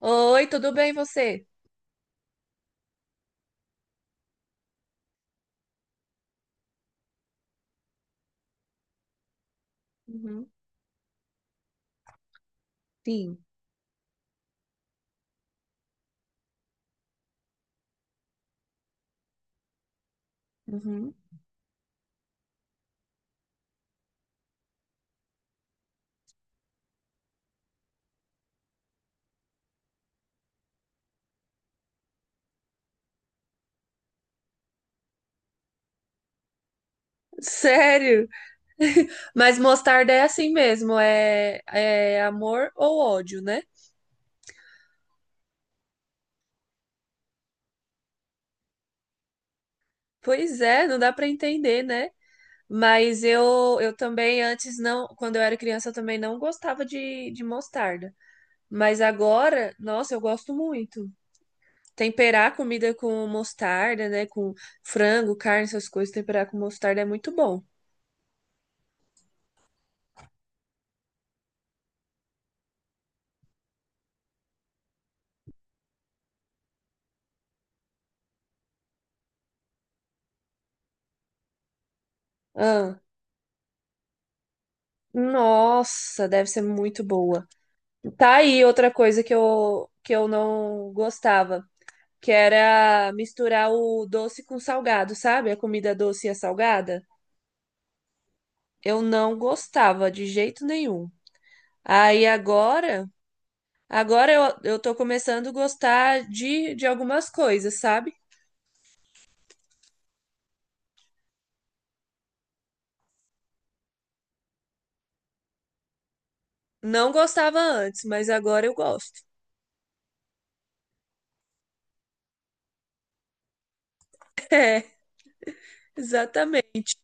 Oi, tudo bem você? Uhum. Sim. Uhum. Sério? Mas mostarda é assim mesmo, é amor ou ódio, né? Pois é, não dá pra entender, né? Mas eu também antes não, quando eu era criança eu também não gostava de mostarda. Mas agora, nossa, eu gosto muito. Temperar a comida com mostarda, né? Com frango, carne, essas coisas, temperar com mostarda é muito bom. Ah, nossa, deve ser muito boa. Tá aí outra coisa que eu não gostava, que era misturar o doce com salgado, sabe? A comida doce e a salgada. Eu não gostava de jeito nenhum. Aí agora, agora eu tô começando a gostar de algumas coisas, sabe? Não gostava antes, mas agora eu gosto. É, exatamente.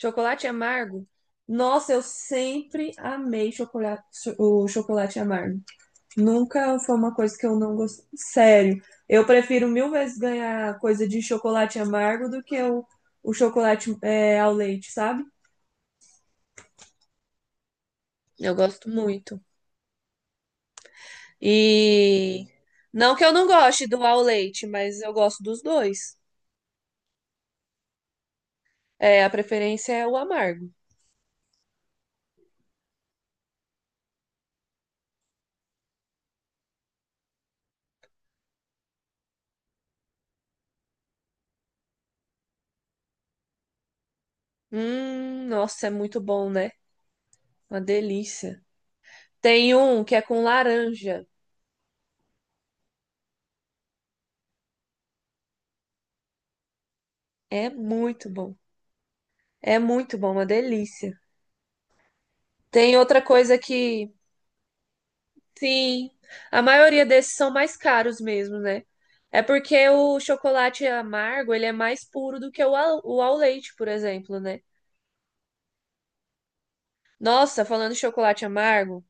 Chocolate amargo? Nossa, eu sempre amei chocolate, o chocolate amargo. Nunca foi uma coisa que eu não gostei. Sério, eu prefiro mil vezes ganhar coisa de chocolate amargo do que o chocolate ao leite, sabe? Eu gosto muito. E não que eu não goste do ao leite, mas eu gosto dos dois. É, a preferência é o amargo. Nossa, é muito bom, né? Uma delícia. Tem um que é com laranja. É muito bom. É muito bom, uma delícia. Tem outra coisa que sim, a maioria desses são mais caros mesmo, né? É porque o chocolate amargo, ele é mais puro do que o ao leite, por exemplo, né? Nossa, falando em chocolate amargo,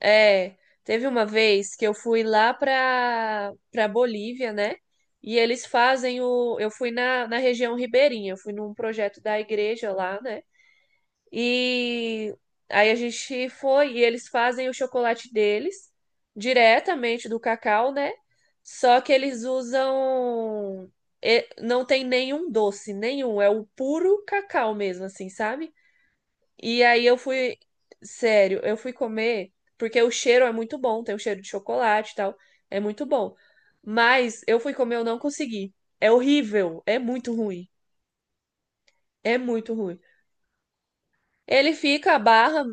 é, teve uma vez que eu fui lá pra Bolívia, né? E eles fazem o, eu fui na região ribeirinha, eu fui num projeto da igreja lá, né? E aí a gente foi e eles fazem o chocolate deles diretamente do cacau, né? Só que eles usam. Não tem nenhum doce, nenhum. É o puro cacau mesmo, assim, sabe? E aí eu fui. Sério, eu fui comer, porque o cheiro é muito bom, tem o cheiro de chocolate e tal. É muito bom. Mas eu fui comer, eu não consegui. É horrível, é muito ruim. É muito ruim. Ele fica a barra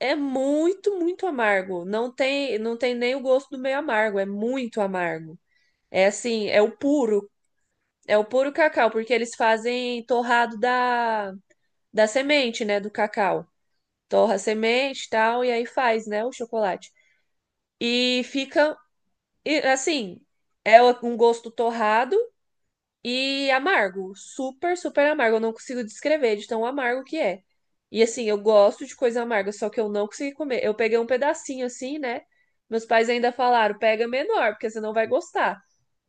é muito, muito amargo. Não tem nem o gosto do meio amargo, é muito amargo. É assim, é o puro cacau, porque eles fazem torrado da semente, né, do cacau. Torra a semente e tal, e aí faz, né, o chocolate. E fica, e, assim, é um gosto torrado, e amargo, super, super amargo. Eu não consigo descrever de tão amargo que é. E assim, eu gosto de coisa amarga, só que eu não consegui comer. Eu peguei um pedacinho assim, né? Meus pais ainda falaram, pega menor, porque você não vai gostar.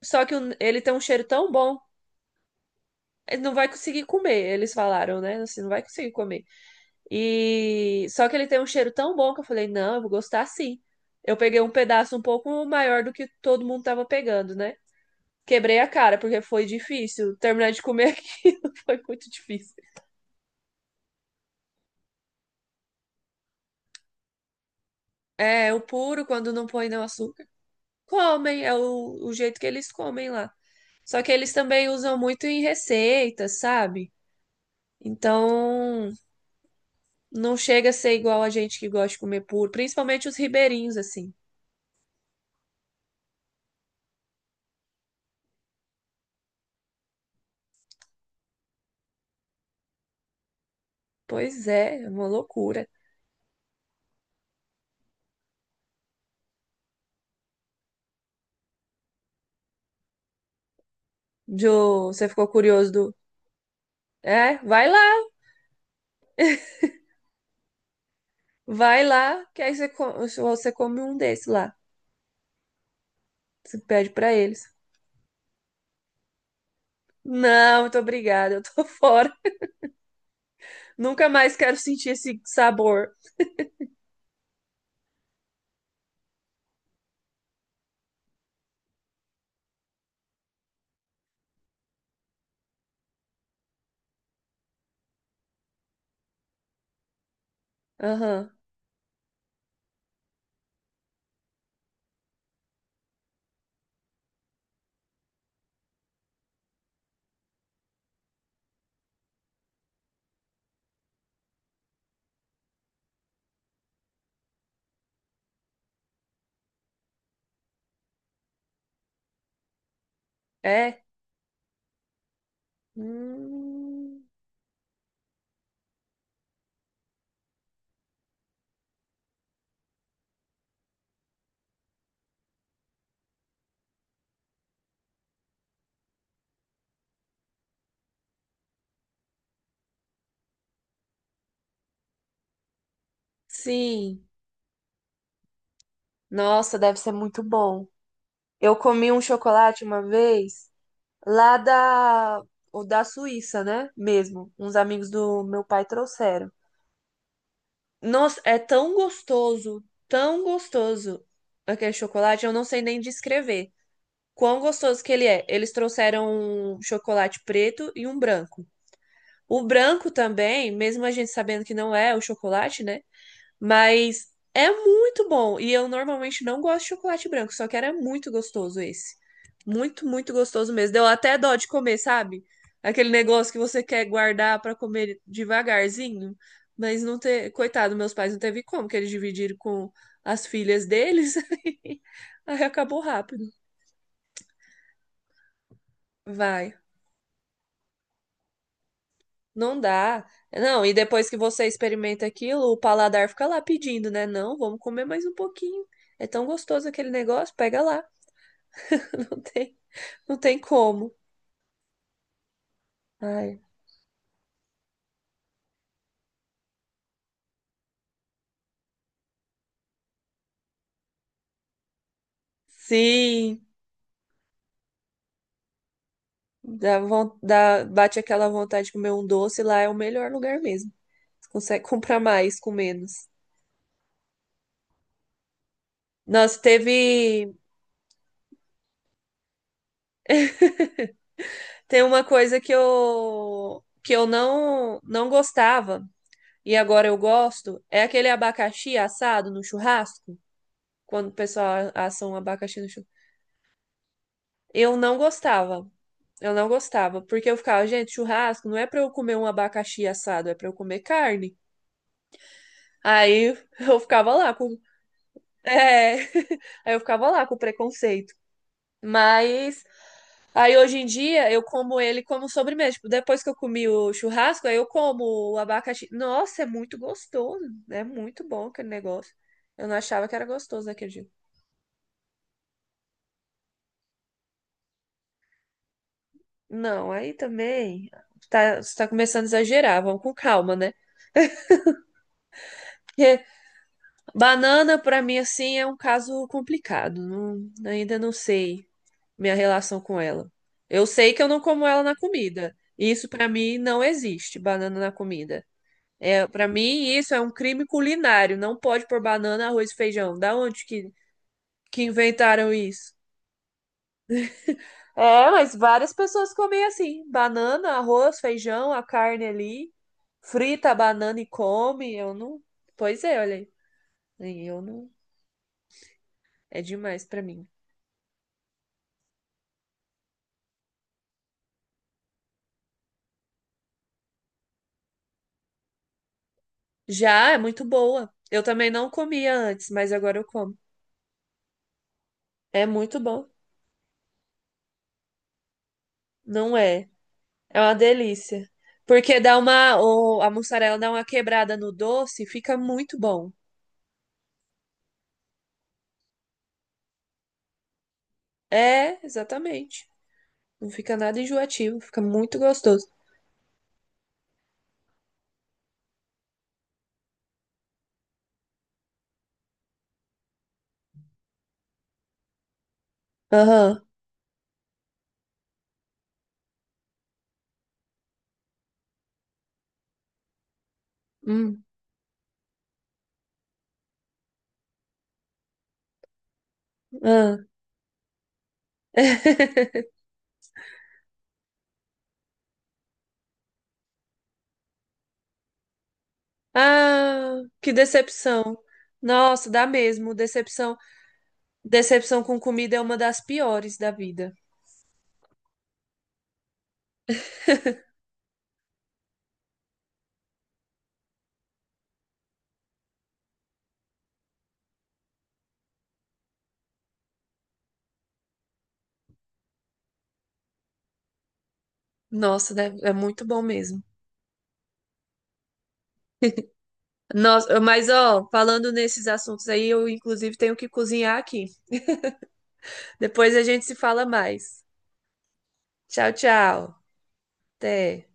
Ele tem um cheiro tão bom, ele não vai conseguir comer, eles falaram, né? Assim, não vai conseguir comer. E só que ele tem um cheiro tão bom que eu falei, não, eu vou gostar sim. Eu peguei um pedaço um pouco maior do que todo mundo tava pegando, né? Quebrei a cara, porque foi difícil. Terminar de comer aquilo foi muito difícil. É, o puro, quando não põe não açúcar. Comem, é o jeito que eles comem lá. Só que eles também usam muito em receitas, sabe? Então, não chega a ser igual a gente que gosta de comer puro, principalmente os ribeirinhos, assim. Pois é, é uma loucura. Jo, você ficou curioso do. É, vai lá, que aí você, você come um desse lá. Você pede pra eles. Não, muito obrigada, eu tô fora. Nunca mais quero sentir esse sabor. Aham. É? Hum, sim. Nossa, deve ser muito bom. Eu comi um chocolate uma vez lá da, o da Suíça, né? Mesmo. Uns amigos do meu pai trouxeram. Nossa, é tão gostoso aquele chocolate. Eu não sei nem descrever quão gostoso que ele é. Eles trouxeram um chocolate preto e um branco. O branco também, mesmo a gente sabendo que não é o chocolate, né? Mas é muito bom. E eu normalmente não gosto de chocolate branco, só que era muito gostoso esse. Muito, muito gostoso mesmo. Deu até dó de comer, sabe? Aquele negócio que você quer guardar pra comer devagarzinho, mas não ter. Coitado, meus pais não teve como, que eles dividiram com as filhas deles. Aí acabou rápido. Vai. Não dá. Não, e depois que você experimenta aquilo, o paladar fica lá pedindo, né? Não, vamos comer mais um pouquinho. É tão gostoso aquele negócio, pega lá. Não tem, não tem como. Ai. Sim, bate aquela vontade de comer um doce, lá é o melhor lugar mesmo. Você consegue comprar mais com menos. Nossa, teve, tem uma coisa que eu não gostava e agora eu gosto, é aquele abacaxi assado no churrasco. Quando o pessoal assa um abacaxi no churrasco. Eu não gostava. Eu não gostava, porque eu ficava, gente, churrasco não é pra eu comer um abacaxi assado, é pra eu comer carne. Aí eu ficava lá com é, aí eu ficava lá com preconceito. Mas aí hoje em dia eu como ele como sobremesa. Tipo, depois que eu comi o churrasco, aí eu como o abacaxi. Nossa, é muito gostoso, né? É muito bom aquele negócio. Eu não achava que era gostoso naquele dia. Não, aí também tá, você tá começando a exagerar, vamos com calma, né? Porque banana, pra mim, assim, é um caso complicado. Ainda não sei minha relação com ela. Eu sei que eu não como ela na comida. Isso, pra mim, não existe, banana na comida. É, para mim, isso é um crime culinário. Não pode pôr banana, arroz e feijão. Da onde que inventaram isso? É, mas várias pessoas comem assim: banana, arroz, feijão, a carne ali, frita a banana e come. Eu não. Pois é, olha aí. Eu não. É demais pra mim. Já é muito boa. Eu também não comia antes, mas agora eu como. É muito bom. Não é? É uma delícia. Porque dá uma. A mussarela dá uma quebrada no doce, e fica muito bom. É, exatamente. Não fica nada enjoativo, fica muito gostoso. Aham. Hum, ah. Ah, que decepção. Nossa, dá mesmo. Decepção, decepção com comida é uma das piores da vida. Nossa, deve- é muito bom mesmo. Nossa, mas ó, falando nesses assuntos aí, eu inclusive tenho que cozinhar aqui. Depois a gente se fala mais. Tchau, tchau. Até.